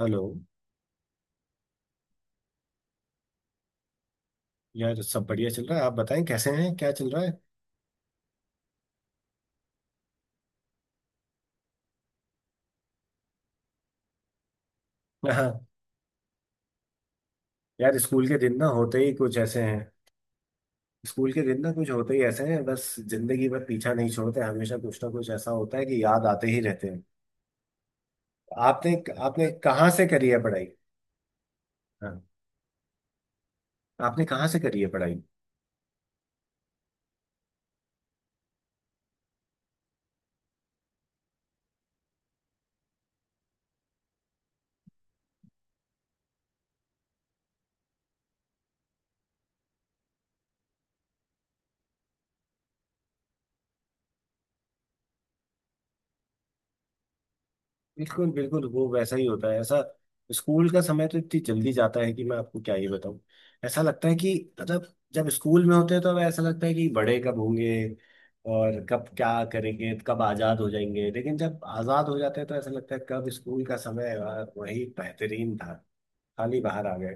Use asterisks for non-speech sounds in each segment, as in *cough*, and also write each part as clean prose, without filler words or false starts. Hello. यार, सब बढ़िया चल रहा है। आप बताएं, कैसे हैं? क्या चल रहा है? हाँ, यार स्कूल के दिन ना होते ही कुछ ऐसे हैं। स्कूल के दिन ना कुछ होते ही ऐसे हैं, बस जिंदगी भर पीछा नहीं छोड़ते। हमेशा कुछ ना कुछ ऐसा होता है कि याद आते ही रहते हैं। आपने आपने कहाँ से करी है पढ़ाई? हाँ। आपने कहाँ से करी है पढ़ाई? बिल्कुल बिल्कुल, वो वैसा ही होता है ऐसा। स्कूल का समय तो इतनी जल्दी जाता है कि मैं आपको क्या ही बताऊं। ऐसा लगता है कि मतलब जब स्कूल में होते हैं तो ऐसा लगता है कि बड़े कब होंगे और कब क्या करेंगे, कब आज़ाद हो जाएंगे। लेकिन जब आज़ाद हो जाते हैं तो ऐसा लगता है कब स्कूल का समय, यार वही बेहतरीन था। खाली बाहर आ गए।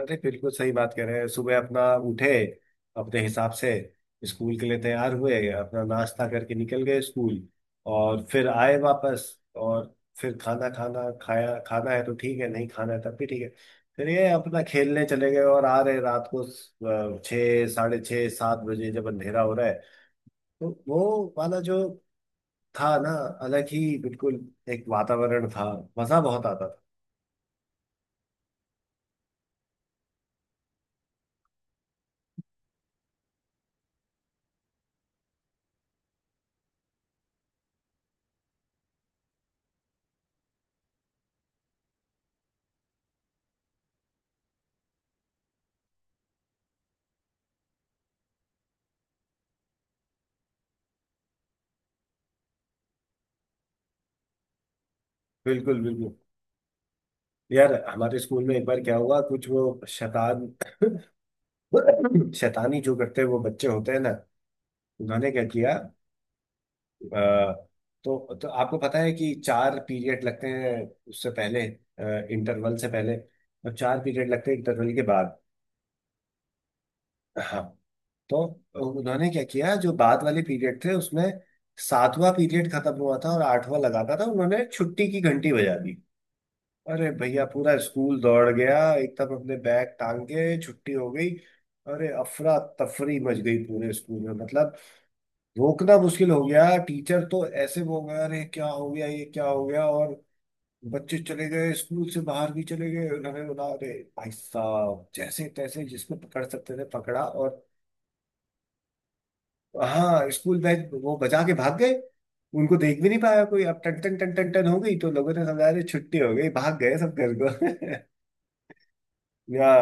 अरे बिल्कुल सही बात कह रहे हैं। सुबह अपना उठे अपने हिसाब से, स्कूल के लिए तैयार हुए, अपना नाश्ता करके निकल गए स्कूल। और फिर आए वापस, और फिर खाना खाना खाया। खाना है तो ठीक है, नहीं खाना है तब भी ठीक है। फिर ये अपना खेलने चले गए और आ रहे रात को 6 6:30 7 बजे, जब अंधेरा हो रहा है। तो वो वाला जो था ना, अलग ही बिल्कुल एक वातावरण था। मजा बहुत आता था। बिल्कुल बिल्कुल। यार हमारे स्कूल में एक बार क्या हुआ, कुछ वो शैतानी जो करते हैं वो बच्चे होते हैं ना, उन्होंने क्या किया। आ, तो आपको पता है कि चार पीरियड लगते हैं उससे पहले, इंटरवल से पहले, और चार पीरियड लगते हैं इंटरवल के बाद। हाँ, तो उन्होंने क्या किया जो बाद वाले पीरियड थे उसमें। सातवां पीरियड खत्म हुआ था और आठवां लगा था, तो उन्होंने छुट्टी की घंटी बजा दी। अरे भैया, पूरा स्कूल दौड़ गया एकदम, हमने बैग टांग के छुट्टी हो गई। अरे अफरा तफरी मच गई पूरे स्कूल में, मतलब रोकना मुश्किल हो गया। टीचर तो ऐसे वो हो गया, अरे क्या हो गया ये क्या हो गया, और बच्चे चले गए स्कूल से बाहर भी चले गए। उन्होंने बोला अरे भाई साहब जैसे तैसे जिसको पकड़ सकते थे पकड़ा। और हाँ, स्कूल बैग वो बजा के भाग गए, उनको देख भी नहीं पाया कोई। अब टन टन टन टन टन हो गई तो लोगों ने समझा अरे छुट्टी हो गई, भाग गए सब घर को। *laughs* या,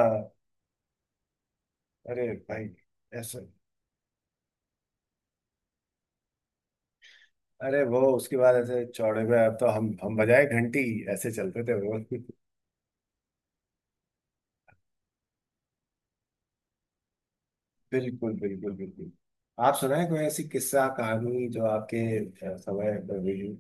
अरे भाई, ऐसे। अरे वो उसके बाद ऐसे चौड़े पे, अब तो हम बजाए घंटी, ऐसे चलते थे वो। *laughs* बिल्कुल बिल्कुल बिल्कुल। आप सुनाए कोई ऐसी किस्सा कहानी जो आपके समय पर हुई।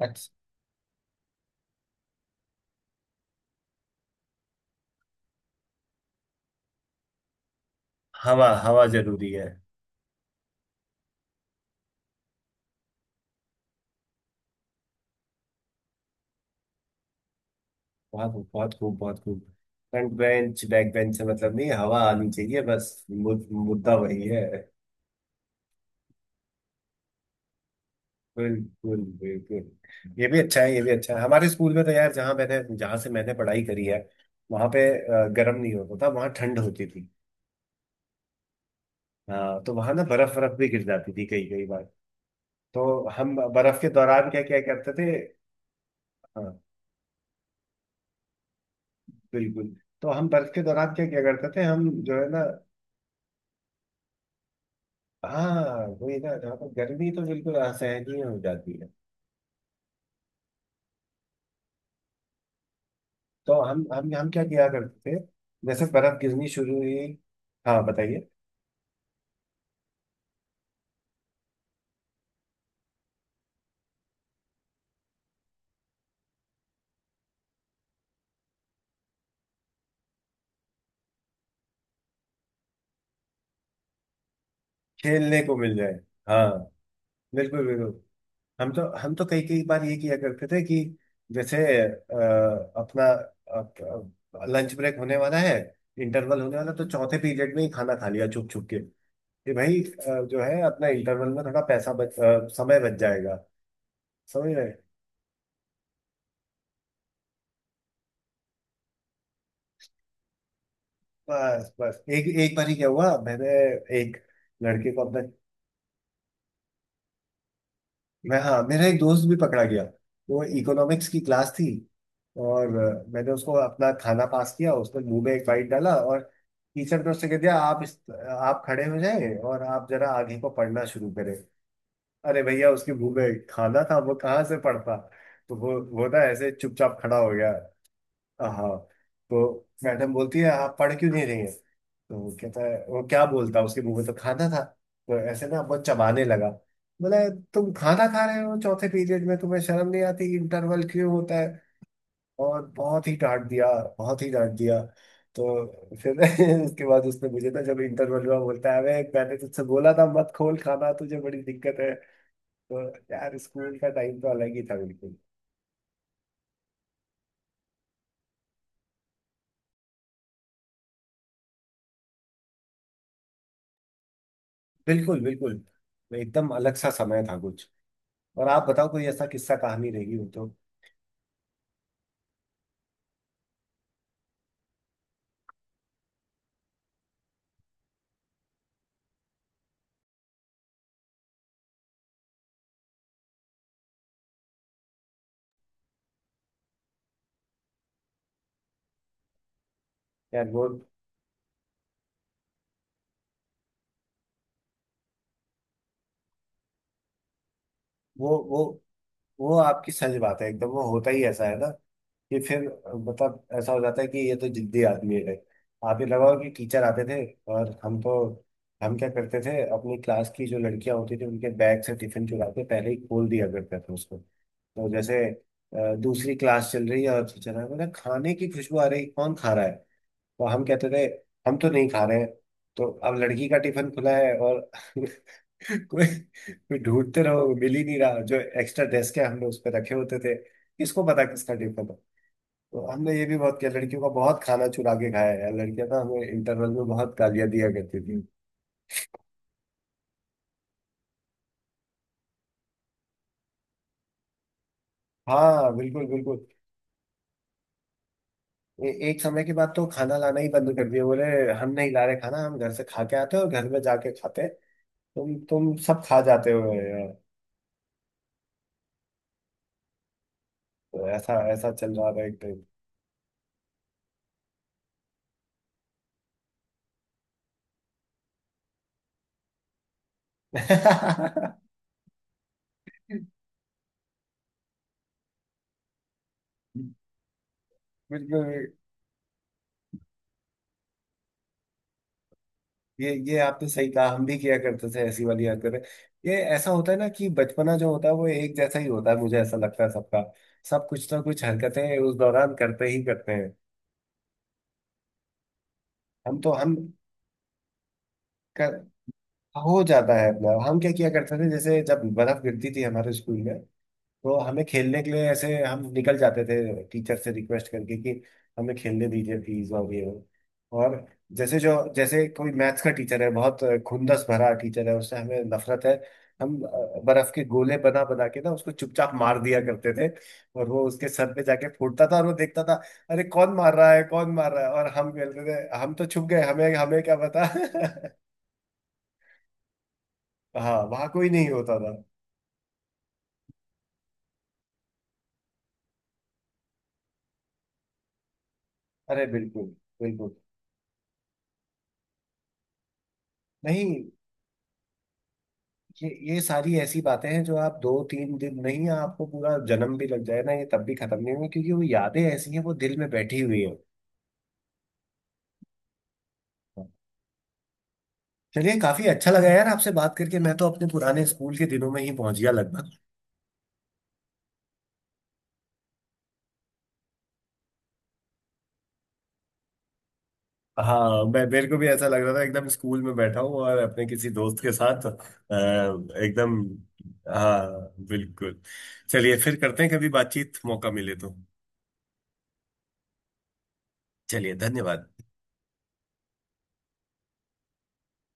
अच्छा। हवा, हवा जरूरी है। बहुत खूब बहुत खूब बहुत खूब। फ्रंट बेंच बैक बेंच से मतलब नहीं, हवा आनी चाहिए बस। मुद्दा वही है। बिल्कुल बिल्कुल, ये भी अच्छा है ये भी अच्छा है। हमारे स्कूल में तो यार, जहाँ से मैंने पढ़ाई करी है वहां पे गर्म नहीं होता था, वहां ठंड होती थी। हाँ, तो वहां ना बर्फ बर्फ भी गिर जाती थी कई कई बार। तो हम बर्फ के दौरान क्या क्या करते थे। हाँ बिल्कुल। तो हम बर्फ के दौरान क्या क्या करते थे, हम जो है ना। हाँ, वही ना, जहाँ पर गर्मी तो बिल्कुल असहनीय ही हो जाती है। तो हम क्या किया करते थे जैसे बर्फ गिरनी शुरू हुई। हाँ बताइए। खेलने को मिल जाए। हाँ बिल्कुल बिल्कुल। हम तो कई कई बार ये किया करते थे कि जैसे अपना लंच ब्रेक होने वाला है, इंटरवल होने वाला है, तो चौथे पीरियड में ही खाना खा लिया छुप छुप के, कि भाई जो है अपना इंटरवल में थोड़ा समय बच जाएगा। समझ रहे। बस बस एक एक बार ही क्या हुआ, मैंने एक लड़के को अपना, मैं, हाँ, मेरा एक दोस्त भी पकड़ा गया। वो इकोनॉमिक्स की क्लास थी और मैंने उसको अपना खाना पास किया, उसने मुंह में एक बाइट डाला। और टीचर ने उससे कह दिया आप खड़े हो जाएं और आप जरा आगे को पढ़ना शुरू करें। अरे भैया उसके मुंह में खाना था, वो कहाँ से पढ़ता। तो वो ना ऐसे चुपचाप खड़ा हो गया। हाँ, तो मैडम बोलती है आप पढ़ क्यों नहीं रही हैं। तो वो कहता है, वो क्या बोलता, उसके मुंह में तो खाना था। तो ऐसे ना बहुत चबाने लगा। बोला तुम खाना खा रहे हो चौथे पीरियड में, तुम्हें शर्म नहीं आती, इंटरवल क्यों होता है। और बहुत ही डांट दिया, बहुत ही डांट दिया। तो फिर *laughs* उसके बाद उसने मुझे ना जब इंटरवल हुआ बोलता है अबे मैंने तुझसे बोला था मत खोल खाना, तुझे बड़ी दिक्कत है। तो यार स्कूल का टाइम तो अलग ही था, बिल्कुल बिल्कुल बिल्कुल, तो एकदम अलग सा समय था कुछ। और आप बताओ कोई ऐसा किस्सा कहानी रहेगी वो तो। यार वो वो वो आपकी सच बात है, एकदम वो होता ही ऐसा है ना, कि फिर मतलब ऐसा हो जाता है कि ये तो जिद्दी आदमी है। आप ये लगाओ कि टीचर आते थे और हम क्या करते थे? अपनी क्लास की जो लड़कियां होती थी उनके बैग से टिफिन चुरा के पहले ही खोल दिया करते थे उसको। तो जैसे दूसरी क्लास चल रही है और टीचर है बोला खाने की खुशबू आ रही कौन खा रहा है। तो हम कहते थे हम तो नहीं खा रहे हैं। तो अब लड़की का टिफिन खुला है और *laughs* कोई कोई ढूंढते रहो मिल ही नहीं रहा, जो एक्स्ट्रा डेस्क है हमने उस पर रखे होते थे, किसको पता किसका टिफिन है। तो हमने ये भी बहुत किया, लड़कियों का बहुत खाना चुरा के खाया है यार। लड़कियां ना हमें इंटरवल में बहुत गालियां दिया करती थी। हाँ बिल्कुल बिल्कुल। एक समय के बाद तो खाना लाना ही बंद कर दिया, बोले हम नहीं ला रहे खाना, हम घर से खा के आते हैं और घर में जाके खाते हैं, तुम सब खा जाते हो यार। तो ऐसा ऐसा चल रहा था एक टाइम। *laughs* बिल्कुल। ये आपने सही कहा, हम भी किया करते थे ऐसी वाली हरकतें। ये ऐसा होता है ना कि बचपना जो होता है वो एक जैसा ही होता है, मुझे ऐसा लगता है सबका। सब कुछ ना कुछ हरकतें उस दौरान करते ही करते हैं। हम तो हम कर, हो जाता है अपना। हम क्या किया करते थे जैसे जब बर्फ गिरती थी हमारे स्कूल में तो हमें खेलने के लिए ऐसे हम निकल जाते थे, टीचर से रिक्वेस्ट करके कि हमें खेलने दीजिए प्लीज और ये वो। और जैसे कोई मैथ्स का टीचर है, बहुत खुंदस भरा टीचर है, उससे हमें नफरत है। हम बर्फ के गोले बना बना के ना उसको चुपचाप मार दिया करते थे, और वो उसके सर पे जाके फूटता था और वो देखता था अरे कौन मार रहा है कौन मार रहा है। और हम कहते थे हम तो छुप गए, हमें हमें क्या पता। *laughs* हाँ वहां कोई नहीं होता था। अरे बिल्कुल बिल्कुल। नहीं, ये सारी ऐसी बातें हैं जो आप दो तीन दिन नहीं, आपको पूरा जन्म भी लग जाए ना ये तब भी खत्म नहीं होंगी, क्योंकि वो यादें ऐसी हैं, वो दिल में बैठी हुई हैं। चलिए, काफी अच्छा लगा यार आपसे बात करके, मैं तो अपने पुराने स्कूल के दिनों में ही पहुंच गया लगभग। हाँ, मैं मेरे को भी ऐसा लग रहा था, एकदम स्कूल में बैठा हूँ और अपने किसी दोस्त के साथ एकदम, हाँ बिल्कुल। चलिए फिर करते हैं कभी बातचीत, मौका मिले तो। चलिए, धन्यवाद।